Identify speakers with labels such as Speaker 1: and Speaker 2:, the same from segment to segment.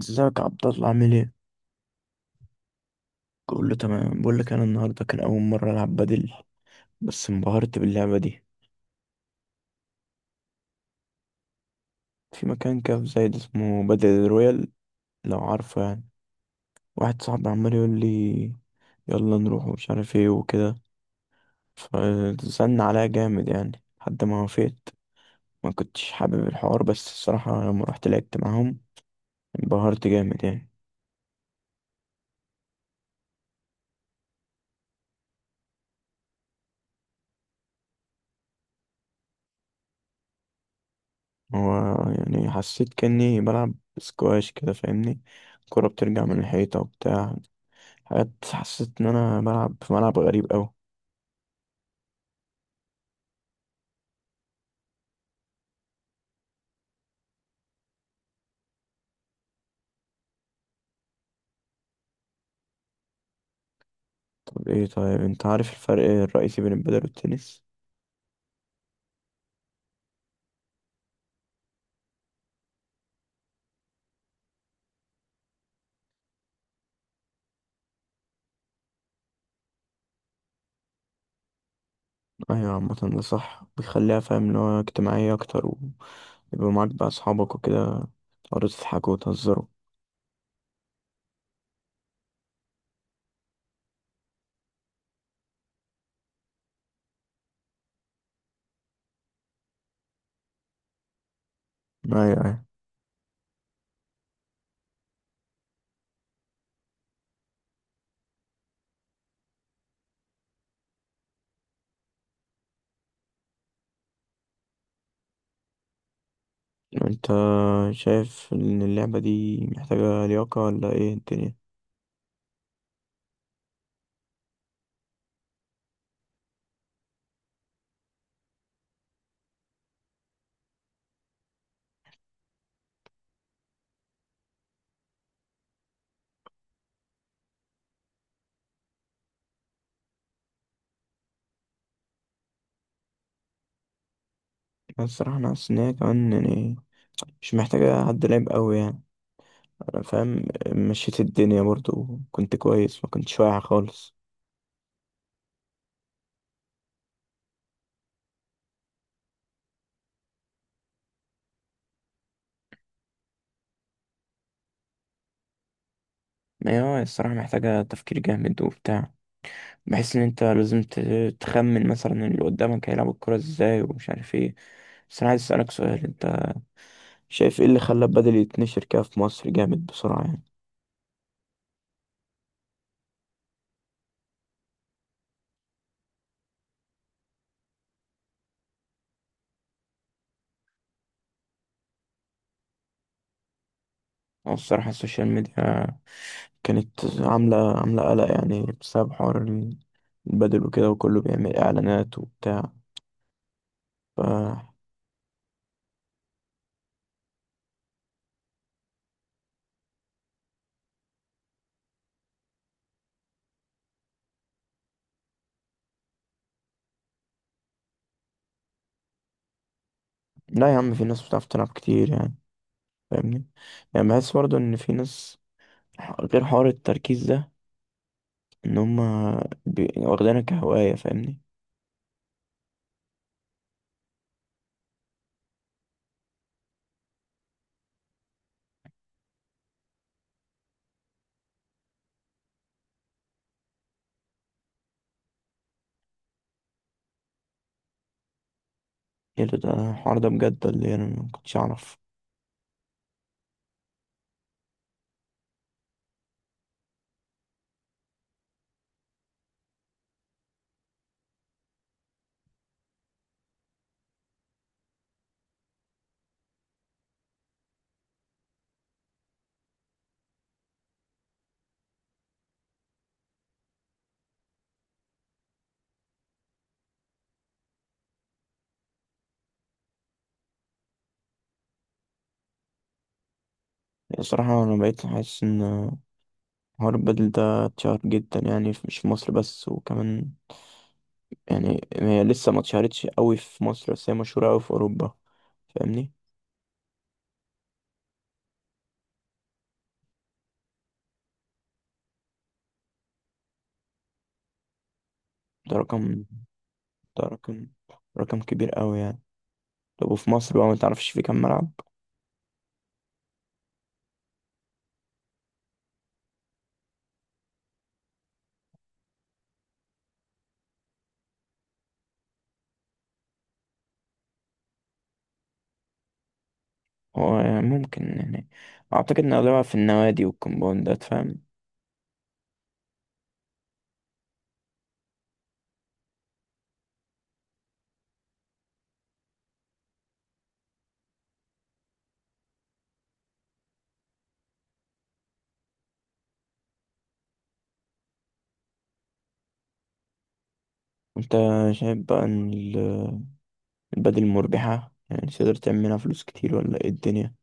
Speaker 1: ازيك يا عبد الله؟ عامل ايه؟ كله تمام. بقول لك انا النهارده كان اول مره العب بدل، بس انبهرت باللعبه دي. في مكان كده في زايد اسمه بدل رويال، لو عارفه يعني. واحد صاحبي عمال يقول لي يلا نروح ومش عارف ايه وكده، فزن عليا جامد يعني لحد ما وافقت. ما كنتش حابب الحوار، بس الصراحه لما رحت لعبت معاهم انبهرت جامد يعني. هو يعني حسيت كاني بلعب سكواش كده، فاهمني؟ الكرة بترجع من الحيطة وبتاع حاجات، حسيت ان انا ملعب في ملعب غريب اوي. طب ايه، طيب انت عارف الفرق الرئيسي بين البدل والتنس؟ ايوه، عامة ده صح، بيخليها فاهم اللي هو اجتماعية اكتر ويبقى معاك بقى اصحابك وكده، تقعدوا تضحكوا وتهزروا. ايوه ايوه. انت شايف ان اللعبة دي محتاجة لياقة ولا ايه الدنيا؟ بس الصراحة انا حاسس ان هي كمان يعني مش محتاجة حد لعب قوي يعني. انا فاهم، مشيت الدنيا برضو كنت كويس، ما كنتش واقع خالص. ما هي الصراحة محتاجة تفكير جامد وبتاع. بحس ان انت لازم تخمن مثلا اللي قدامك هيلعب الكرة ازاي ومش عارف ايه. بس انا عايز اسألك سؤال، انت شايف ايه اللي خلى البدل يتنشر كده في مصر جامد بسرعة يعني؟ او الصراحة السوشيال ميديا كانت عاملة قلق يعني بسبب حوار البدل وكده، وكله بيعمل اعلانات وبتاع ف... لا يا عم، في ناس بتعرف تلعب كتير يعني، فاهمني؟ يعني بحس برضه ان في ناس، غير حوار التركيز ده، ان هما واخدينها كهواية، فاهمني؟ ايه ده، الحوار ده بجد اللي انا ما كنتش اعرف. الصراحة انا بقيت حاسس ان حوار البدل ده اتشهر جدا يعني مش في مصر بس، وكمان يعني هي لسه ما اتشهرتش قوي في مصر، بس هي مشهورة قوي في اوروبا، فاهمني؟ ده رقم ده رقم رقم كبير قوي يعني. طب وفي مصر بقى ما تعرفش في كام ملعب؟ هو يعني ممكن يعني، اعتقد ان اغلبها في النوادي والكومباوندات، فاهم؟ انت شايف بقى ان البدل مربحة؟ يعني تقدر تعمل منها فلوس كتير ولا ايه الدنيا؟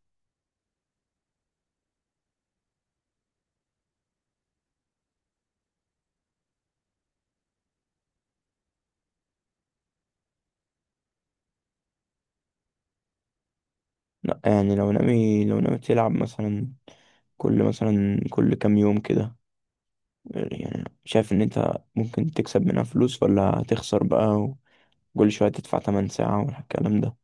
Speaker 1: لا يعني لو ناوي، لو ناوي تلعب مثلا كل مثلا كل كام يوم كده، يعني شايف ان انت ممكن تكسب منها فلوس ولا هتخسر بقى، وكل شوية تدفع تمن ساعة والكلام ده؟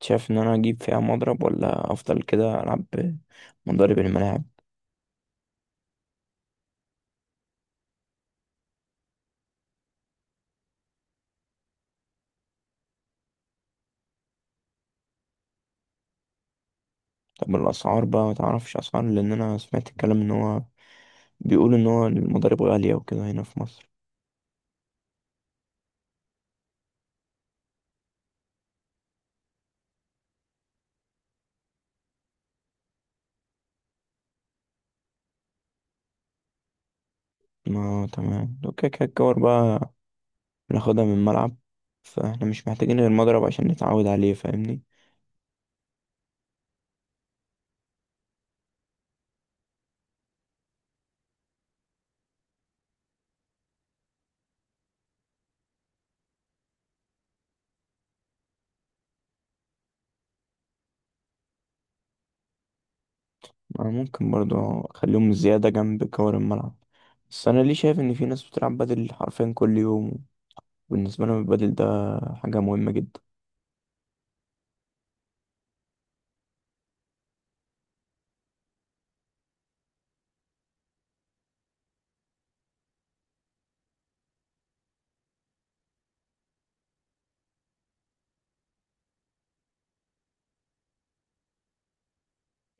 Speaker 1: شايف ان انا اجيب فيها مضرب ولا افضل كده العب مضارب الملاعب؟ طب الاسعار بقى ما تعرفش اسعار؟ لان انا سمعت الكلام ان هو بيقول ان هو المضارب غالية وكده هنا في مصر. ما تمام، اوكي، كده الجوار بقى بناخدها من الملعب، فاحنا مش محتاجين غير مضرب عشان نتعود عليه، فاهمني؟ أنا ممكن برضو اخليهم زيادة جنب كور الملعب. بس انا ليه شايف ان في ناس بتلعب بدل حرفيا كل يوم؟ بالنسبة لهم البدل ده حاجة مهمة جدا.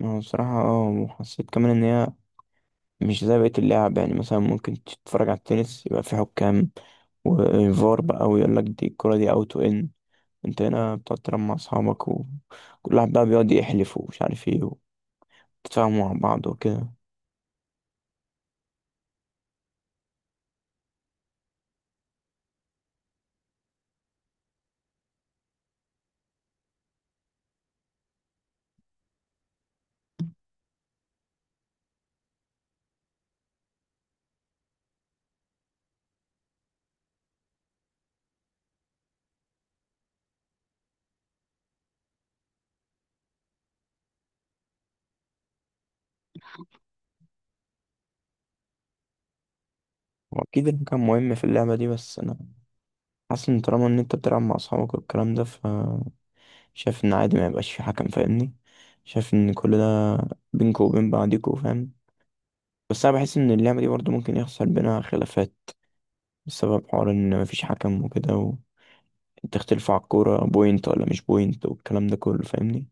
Speaker 1: انا بصراحة اه، وحسيت كمان ان هي مش زي بقية اللعب. يعني مثلا ممكن تتفرج على التنس يبقى في حكام وفار بقى ويقول لك دي الكرة دي اوت وان، انت هنا بتقعد تلعب مع اصحابك وكل واحد بقى بيقعد يحلف ومش عارف ايه وتتفاهموا مع بعض وكده. واكيد المكان مهم في اللعبه دي، بس انا حاسس ان طالما ان انت بتلعب مع اصحابك والكلام ده، ف شايف ان عادي ما يبقاش في حكم، فاهمني؟ شايف ان كل ده بينكوا وبين بعضيكوا، فاهم؟ بس انا بحس ان اللعبه دي برضو ممكن يحصل بينها خلافات بسبب حوار ان مفيش حكم وكده، وتختلفوا على الكوره بوينت ولا مش بوينت والكلام ده كله، فاهمني؟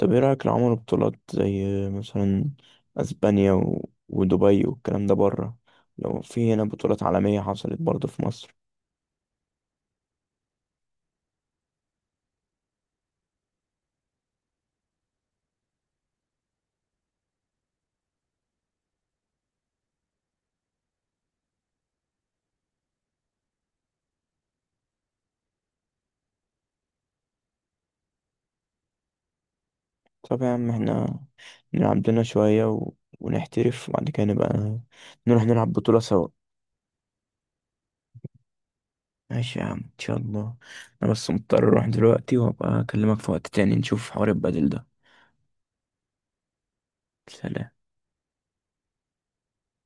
Speaker 1: طب ايه رايك لو عملوا بطولات زي مثلا اسبانيا و... ودبي والكلام ده بره؟ لو في هنا بطولات عالميه حصلت برضو في مصر. طب يا عم احنا نلعب لنا شوية و... ونحترف وبعد كده نبقى نروح نلعب بطولة سوا. ماشي يا عم، ان شاء الله. انا بس مضطر اروح دلوقتي وابقى اكلمك في وقت تاني نشوف حوار البدل ده. سلام.